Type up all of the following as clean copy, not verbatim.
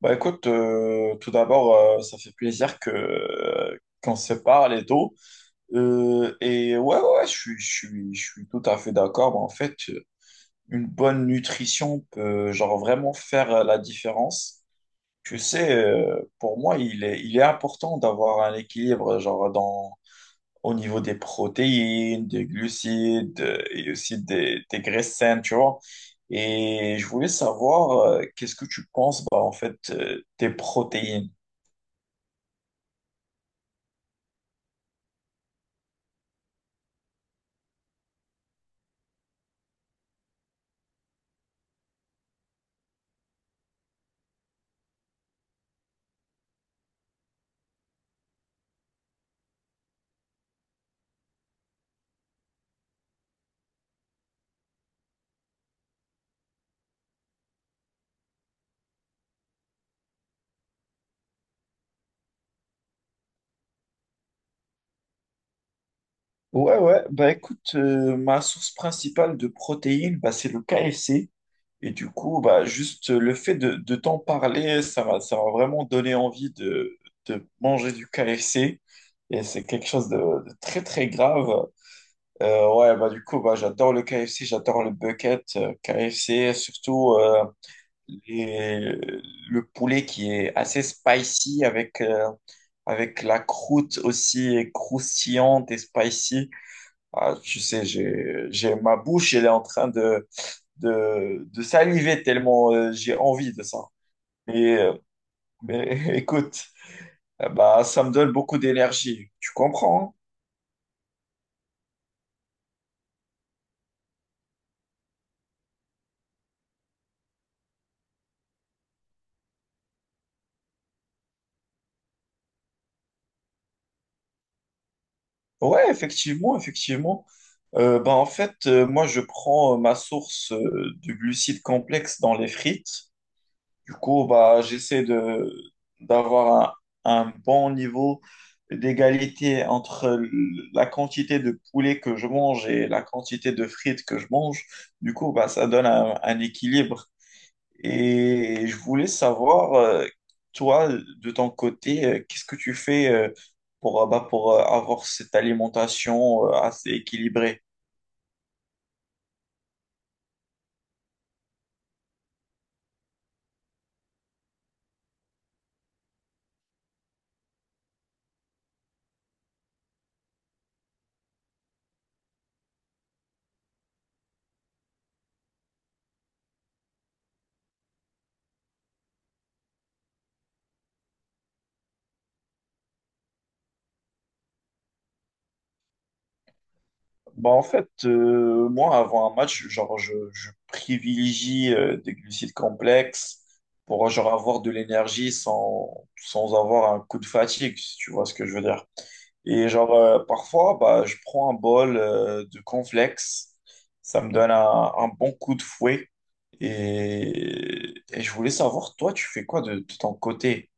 Bah écoute, tout d'abord, ça fait plaisir que qu'on se parle et tout. Je suis tout à fait d'accord. Bah, en fait, une bonne nutrition peut genre vraiment faire la différence. Tu sais, pour moi, il est important d'avoir un équilibre genre dans au niveau des protéines, des glucides et aussi des graisses saines, tu vois. Et je voulais savoir, qu'est-ce que tu penses, bah, en fait, des protéines? Ouais, ouais, bah écoute, ma source principale de protéines, bah, c'est le KFC. Et du coup, bah, juste le fait de t'en parler, ça m'a vraiment donné envie de manger du KFC. Et c'est quelque chose de très, très grave. Ouais, bah du coup, bah, j'adore le KFC, j'adore le bucket KFC, surtout les- le poulet qui est assez spicy avec, avec la croûte aussi croustillante et spicy. Ah, tu sais, ma bouche, elle est en train de saliver tellement j'ai envie de ça. Et, euh, mais écoute, bah, ça me donne beaucoup d'énergie. Tu comprends? Hein, ouais, effectivement, effectivement. Bah, en fait, moi, je prends ma source de glucides complexes dans les frites. Du coup, bah, j'essaie de d'avoir un bon niveau d'égalité la quantité de poulet que je mange et la quantité de frites que je mange. Du coup, bah, ça donne un équilibre. Et je voulais savoir, toi, de ton côté, qu'est-ce que tu fais pour, pour avoir cette alimentation assez équilibrée? Bah en fait, moi, avant un match, genre, je privilégie des glucides complexes pour genre, avoir de l'énergie sans avoir un coup de fatigue, si tu vois ce que je veux dire. Et genre, parfois, bah, je prends un bol de cornflakes. Ça me donne un bon coup de fouet. Et je voulais savoir, toi, tu fais quoi de ton côté?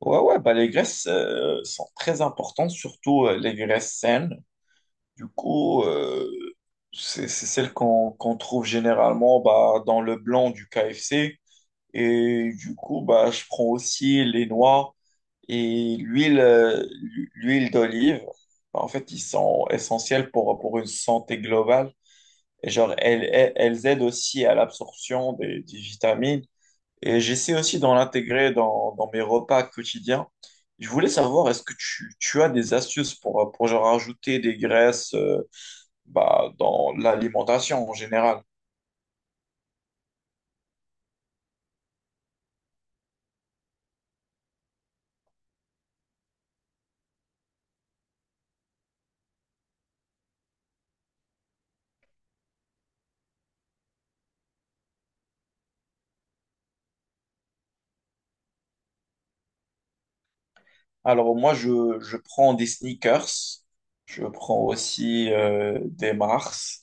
Ouais, ouais, bah, les graisses sont très importantes, surtout les graisses saines. Du coup, c'est celle qu'on trouve généralement bah, dans le blanc du KFC. Et du coup, bah, je prends aussi les noix et l'huile l'huile d'olive. Bah, en fait, ils sont essentiels pour une santé globale. Et genre, elles aident aussi à l'absorption des vitamines. Et j'essaie aussi d'en l'intégrer dans, dans mes repas quotidiens. Je voulais savoir, est-ce que tu as des astuces pour genre, ajouter des graisses bah, dans l'alimentation en général. Alors moi, je prends des sneakers, je prends aussi des Mars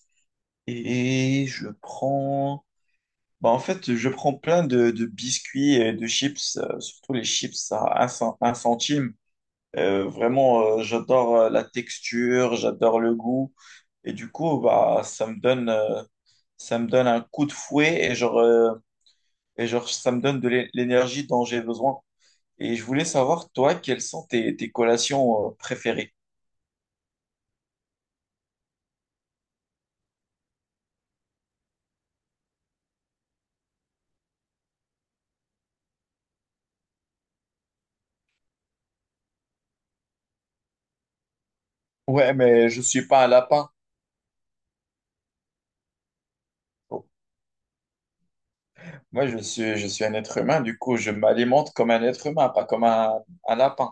et je prends... Bah, en fait, je prends plein de biscuits et de chips, surtout les chips à un centime. J'adore la texture, j'adore le goût. Et du coup, bah, ça me donne un coup de fouet et genre, ça me donne l'énergie dont j'ai besoin. Et je voulais savoir, toi, quelles sont tes collations préférées? Ouais, mais je suis pas un lapin. Moi, je suis un être humain, du coup, je m'alimente comme un être humain, pas comme un lapin.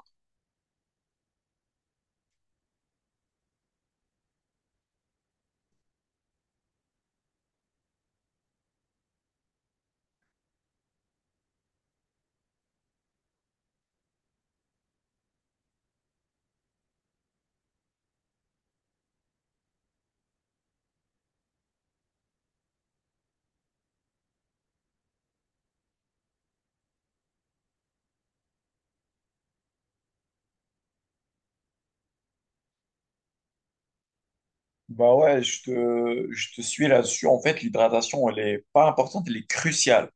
Bah ouais, je te suis là-dessus. En fait, l'hydratation, elle est pas importante, elle est cruciale.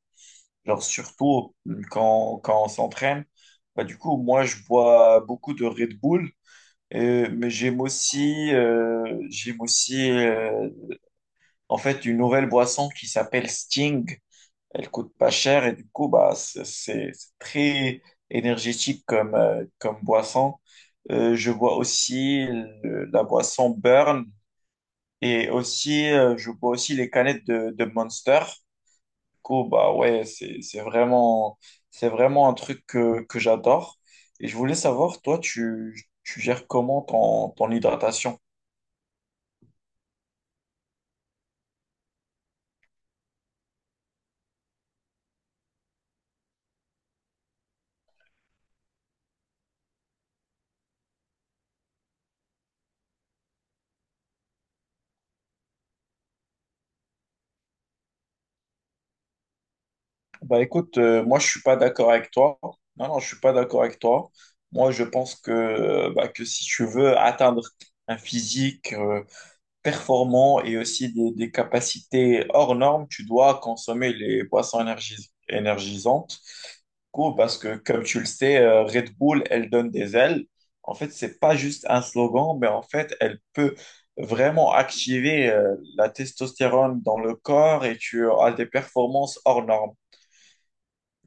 Genre, surtout, quand, quand on s'entraîne. Bah, du coup, moi, je bois beaucoup de Red Bull, mais j'aime aussi en fait, une nouvelle boisson qui s'appelle Sting. Elle coûte pas cher et du coup, bah, c'est très énergétique comme, comme boisson. Je bois aussi la boisson Burn et aussi, je bois aussi les canettes de Monster. Du coup, bah ouais, c'est vraiment un truc que j'adore. Et je voulais savoir, toi, tu gères comment ton hydratation? Bah écoute, moi je suis pas d'accord avec toi. Non, non, je suis pas d'accord avec toi. Moi je pense que, que si tu veux atteindre un physique performant et aussi des capacités hors normes, tu dois consommer les boissons énergisantes. Du coup, parce que comme tu le sais, Red Bull, elle donne des ailes. En fait, c'est pas juste un slogan, mais en fait, elle peut vraiment activer la testostérone dans le corps et tu as des performances hors normes.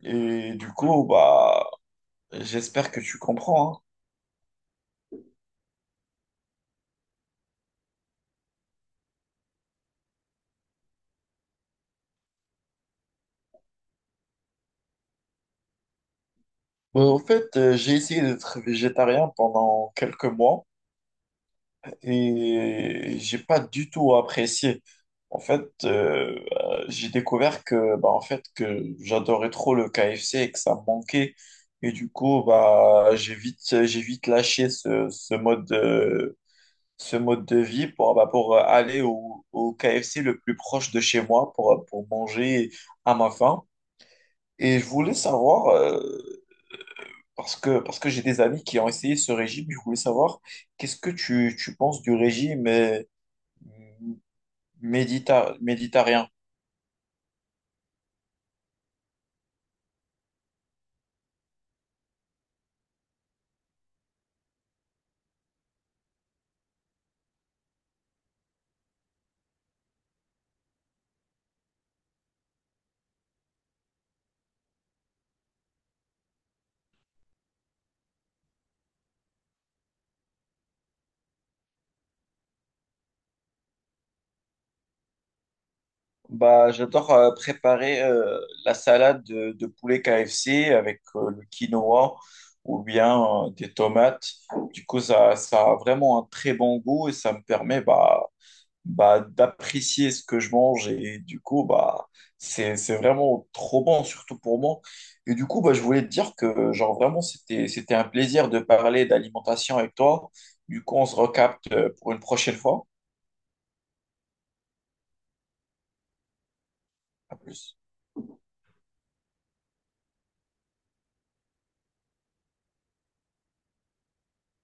Et du coup, bah, j'espère que tu comprends, hein. Bah, en fait, j'ai essayé d'être végétarien pendant quelques mois et j'ai pas du tout apprécié. En fait, euh, j'ai découvert que, bah, en fait, que j'adorais trop le KFC et que ça me manquait. Et du coup, bah, j'ai vite lâché ce, ce mode de vie pour, bah, pour aller au, au KFC le plus proche de chez moi pour manger à ma faim. Et je voulais savoir, parce que j'ai des amis qui ont essayé ce régime, je voulais savoir qu'est-ce que tu penses du régime méditerranéen? Bah, j'adore préparer la salade de poulet KFC avec le quinoa ou bien des tomates. Du coup, ça a vraiment un très bon goût et ça me permet bah, d'apprécier ce que je mange et du coup bah c'est vraiment trop bon surtout pour moi et du coup bah je voulais te dire que genre vraiment c'était un plaisir de parler d'alimentation avec toi du coup on se recapte pour une prochaine fois. À plus.